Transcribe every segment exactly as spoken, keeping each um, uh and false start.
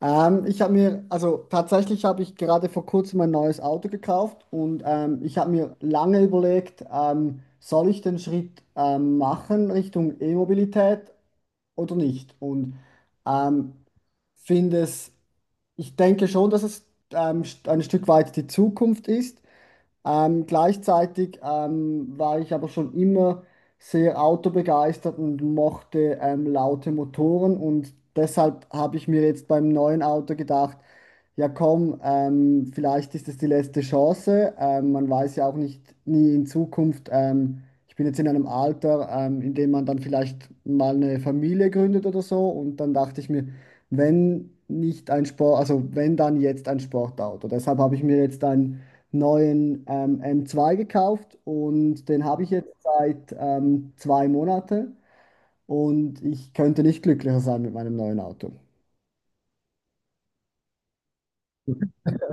Ähm, ich habe mir, also tatsächlich habe ich gerade vor kurzem ein neues Auto gekauft, und ähm, ich habe mir lange überlegt, ähm, soll ich den Schritt ähm, machen Richtung E-Mobilität oder nicht? Und ähm, finde es, ich denke schon, dass es ähm, st- ein Stück weit die Zukunft ist. Ähm, gleichzeitig ähm, war ich aber schon immer sehr autobegeistert und mochte ähm, laute Motoren, und deshalb habe ich mir jetzt beim neuen Auto gedacht, ja komm, ähm, vielleicht ist es die letzte Chance. Ähm, man weiß ja auch nicht nie in Zukunft. Ähm, ich bin jetzt in einem Alter, ähm, in dem man dann vielleicht mal eine Familie gründet oder so, und dann dachte ich mir, wenn nicht ein Sport, also wenn dann jetzt ein Sportauto. Deshalb habe ich mir jetzt ein neuen ähm, M zwei gekauft, und den habe ich jetzt seit ähm, zwei Monate, und ich könnte nicht glücklicher sein mit meinem neuen Auto.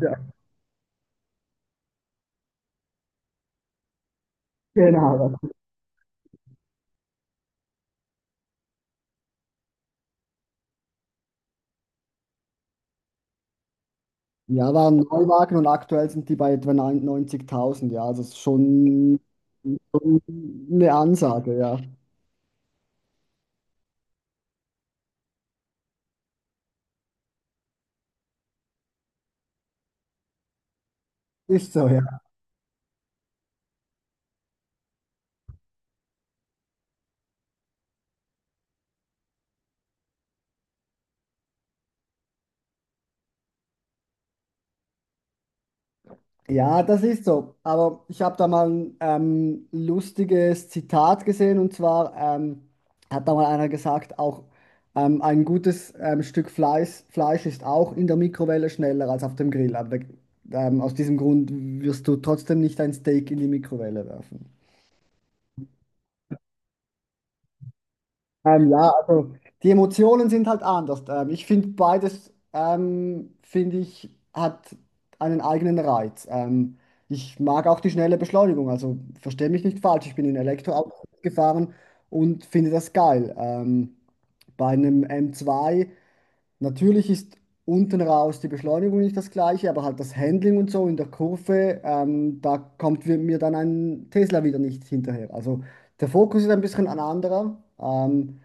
Ja, genau. Ja, waren Neuwagen, und aktuell sind die bei etwa neunzigtausend, ja, also es ist schon schon eine Ansage, ja. Ist so, ja. Ja, das ist so. Aber ich habe da mal ein ähm, lustiges Zitat gesehen, und zwar ähm, hat da mal einer gesagt, auch ähm, ein gutes ähm, Stück Fleisch, Fleisch ist auch in der Mikrowelle schneller als auf dem Grill. Aber ähm, aus diesem Grund wirst du trotzdem nicht ein Steak in die Mikrowelle werfen. Ähm, ja, also die Emotionen sind halt anders. Ähm, ich finde beides, ähm, finde ich, hat einen eigenen Reiz. Ähm, ich mag auch die schnelle Beschleunigung, also verstehe mich nicht falsch. Ich bin in Elektroauto gefahren und finde das geil. Ähm, bei einem m zwei natürlich ist unten raus die Beschleunigung nicht das gleiche, aber halt das Handling und so in der Kurve, ähm, da kommt wir- mir dann ein Tesla wieder nicht hinterher. Also der Fokus ist ein bisschen ein anderer. Ähm,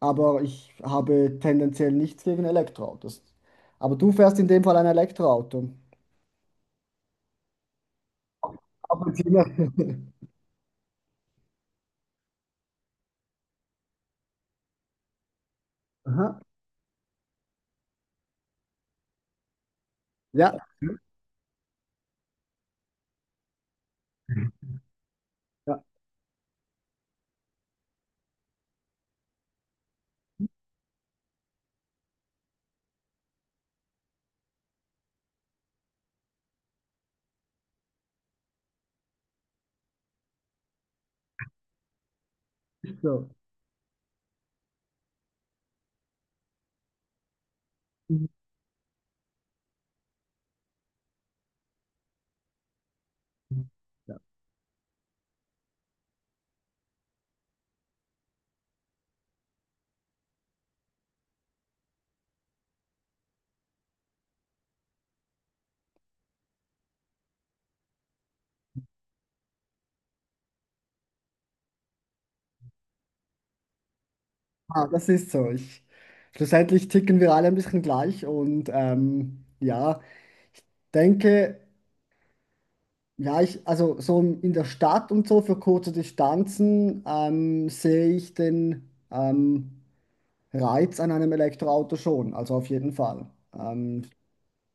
Aber ich habe tendenziell nichts gegen Elektroautos. Aber du fährst in dem Fall ein Elektroauto. Ab und zu mal. Aha. Ja, ja, ist so. Ah, das ist so. Ich, schlussendlich ticken wir alle ein bisschen gleich, und ähm, ja, ich denke, ja, ich, also so in der Stadt und so für kurze Distanzen ähm, sehe ich den ähm, Reiz an einem Elektroauto schon, also auf jeden Fall. Ähm,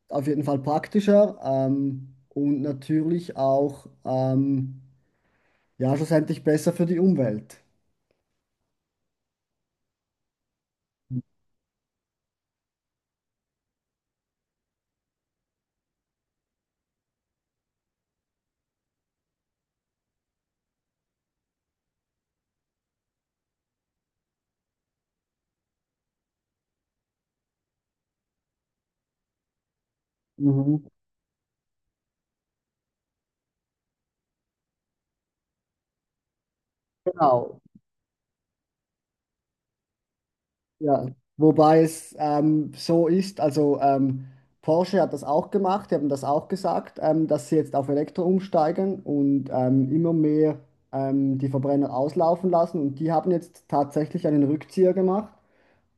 Auf jeden Fall praktischer ähm, und natürlich auch ähm, ja schlussendlich besser für die Umwelt. Mhm, genau, ja. Wobei es ähm, so ist, also ähm, Porsche hat das auch gemacht, die haben das auch gesagt, ähm, dass sie jetzt auf Elektro umsteigen und ähm, immer mehr ähm, die Verbrenner auslaufen lassen, und die haben jetzt tatsächlich einen Rückzieher gemacht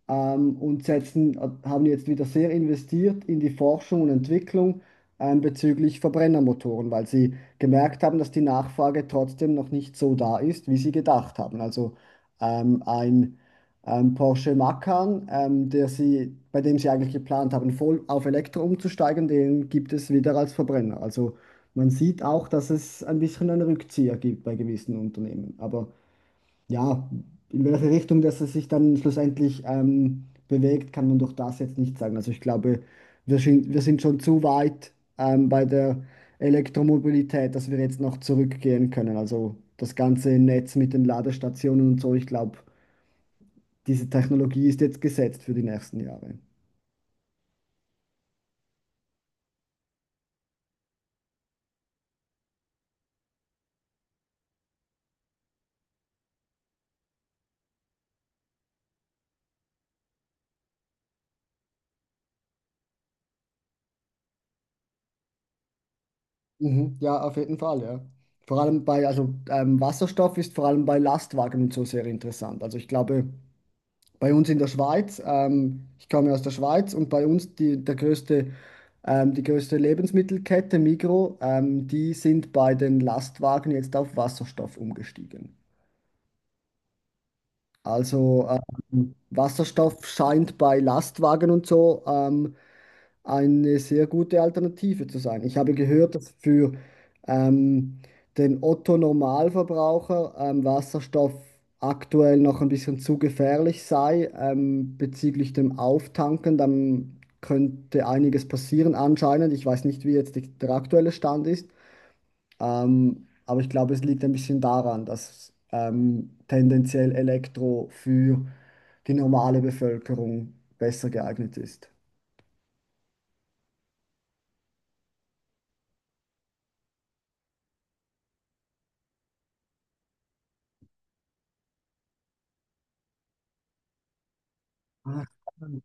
ähm, und setzen, äh, haben jetzt wieder sehr investiert in die Forschung und Entwicklung ähm, bezüglich Verbrennermotoren, weil sie gemerkt haben, dass die Nachfrage trotzdem noch nicht so da ist, wie sie gedacht haben. Also ähm, ein ähm, Porsche Macan, ähm, der sie, bei dem sie eigentlich geplant haben, voll auf Elektro umzusteigen, den gibt es wieder als Verbrenner. Also man sieht auch, dass es ein bisschen einen Rückzieher gibt bei gewissen Unternehmen. Aber ja, in welche Richtung das es sich dann schlussendlich ähm, bewegt, kann man durch das jetzt nicht sagen. Also ich glaube, wir sind, wir sind schon zu weit ähm, bei der Elektromobilität, dass wir jetzt noch zurückgehen können. Also das ganze Netz mit den Ladestationen und so, ich glaube, diese Technologie ist jetzt gesetzt für die nächsten Jahre. Mhm, ja, auf jeden Fall, ja. Vor allem bei, also ähm, Wasserstoff ist vor allem bei Lastwagen und so sehr interessant. Also ich glaube, bei uns in der Schweiz, ähm, ich komme aus der Schweiz, und bei uns die, der größte, ähm, die größte Lebensmittelkette Migros, ähm, die sind bei den Lastwagen jetzt auf Wasserstoff umgestiegen. Also ähm, Wasserstoff scheint bei Lastwagen und so ähm, eine sehr gute Alternative zu sein. Ich habe gehört, dass für ähm, den Otto-Normalverbraucher ähm, Wasserstoff aktuell noch ein bisschen zu gefährlich sei ähm, bezüglich dem Auftanken. Dann könnte einiges passieren anscheinend. Ich weiß nicht, wie jetzt die, der aktuelle Stand ist, ähm, aber ich glaube, es liegt ein bisschen daran, dass ähm, tendenziell Elektro für die normale Bevölkerung besser geeignet ist. Ach, spannend.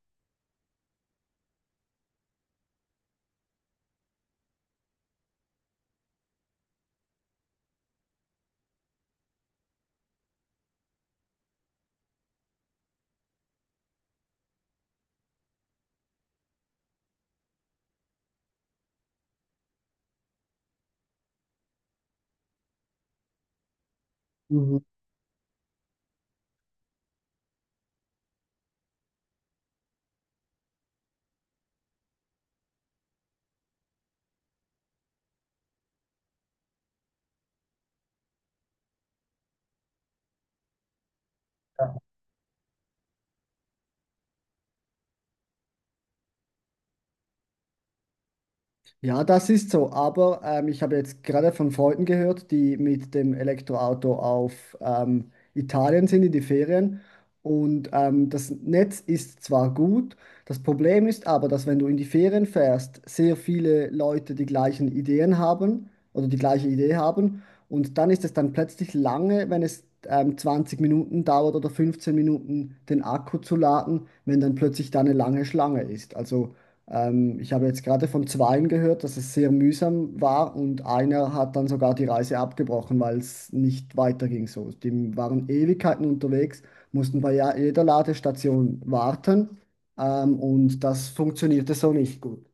Ja, das ist so, aber ähm, ich habe jetzt gerade von Freunden gehört, die mit dem Elektroauto auf ähm, Italien sind in die Ferien, und ähm, das Netz ist zwar gut, das Problem ist aber, dass wenn du in die Ferien fährst, sehr viele Leute die gleichen Ideen haben oder die gleiche Idee haben, und dann ist es dann plötzlich lange, wenn es ähm, zwanzig Minuten dauert oder fünfzehn Minuten den Akku zu laden, wenn dann plötzlich da eine lange Schlange ist. Also ähm, ich habe jetzt gerade von zweien gehört, dass es sehr mühsam war, und einer hat dann sogar die Reise abgebrochen, weil es nicht weiterging so. Die waren Ewigkeiten unterwegs, mussten bei ja- jeder Ladestation warten, ähm, und das funktionierte so nicht gut.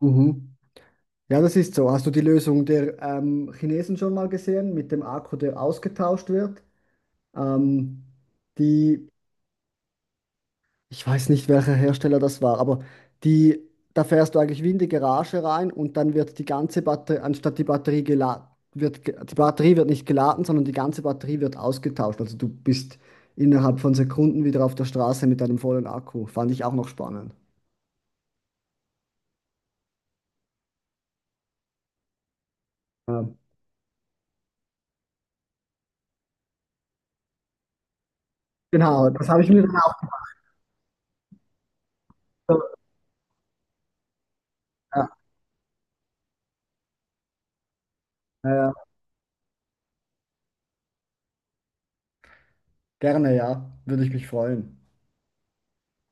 Mhm. Ja, das ist so. Hast du die Lösung der ähm, Chinesen schon mal gesehen mit dem Akku, der ausgetauscht wird? Ähm, die Ich weiß nicht, welcher Hersteller das war, aber die, da fährst du eigentlich wie in die Garage rein, und dann wird die ganze Batterie, anstatt die Batterie geladen, wird, ge- die Batterie wird nicht geladen, sondern die ganze Batterie wird ausgetauscht. Also du bist innerhalb von Sekunden wieder auf der Straße mit einem vollen Akku. Fand ich auch noch spannend. Ja. Genau, das habe ich mir dann auch, so, ja, äh, gerne, ja, würde ich mich freuen.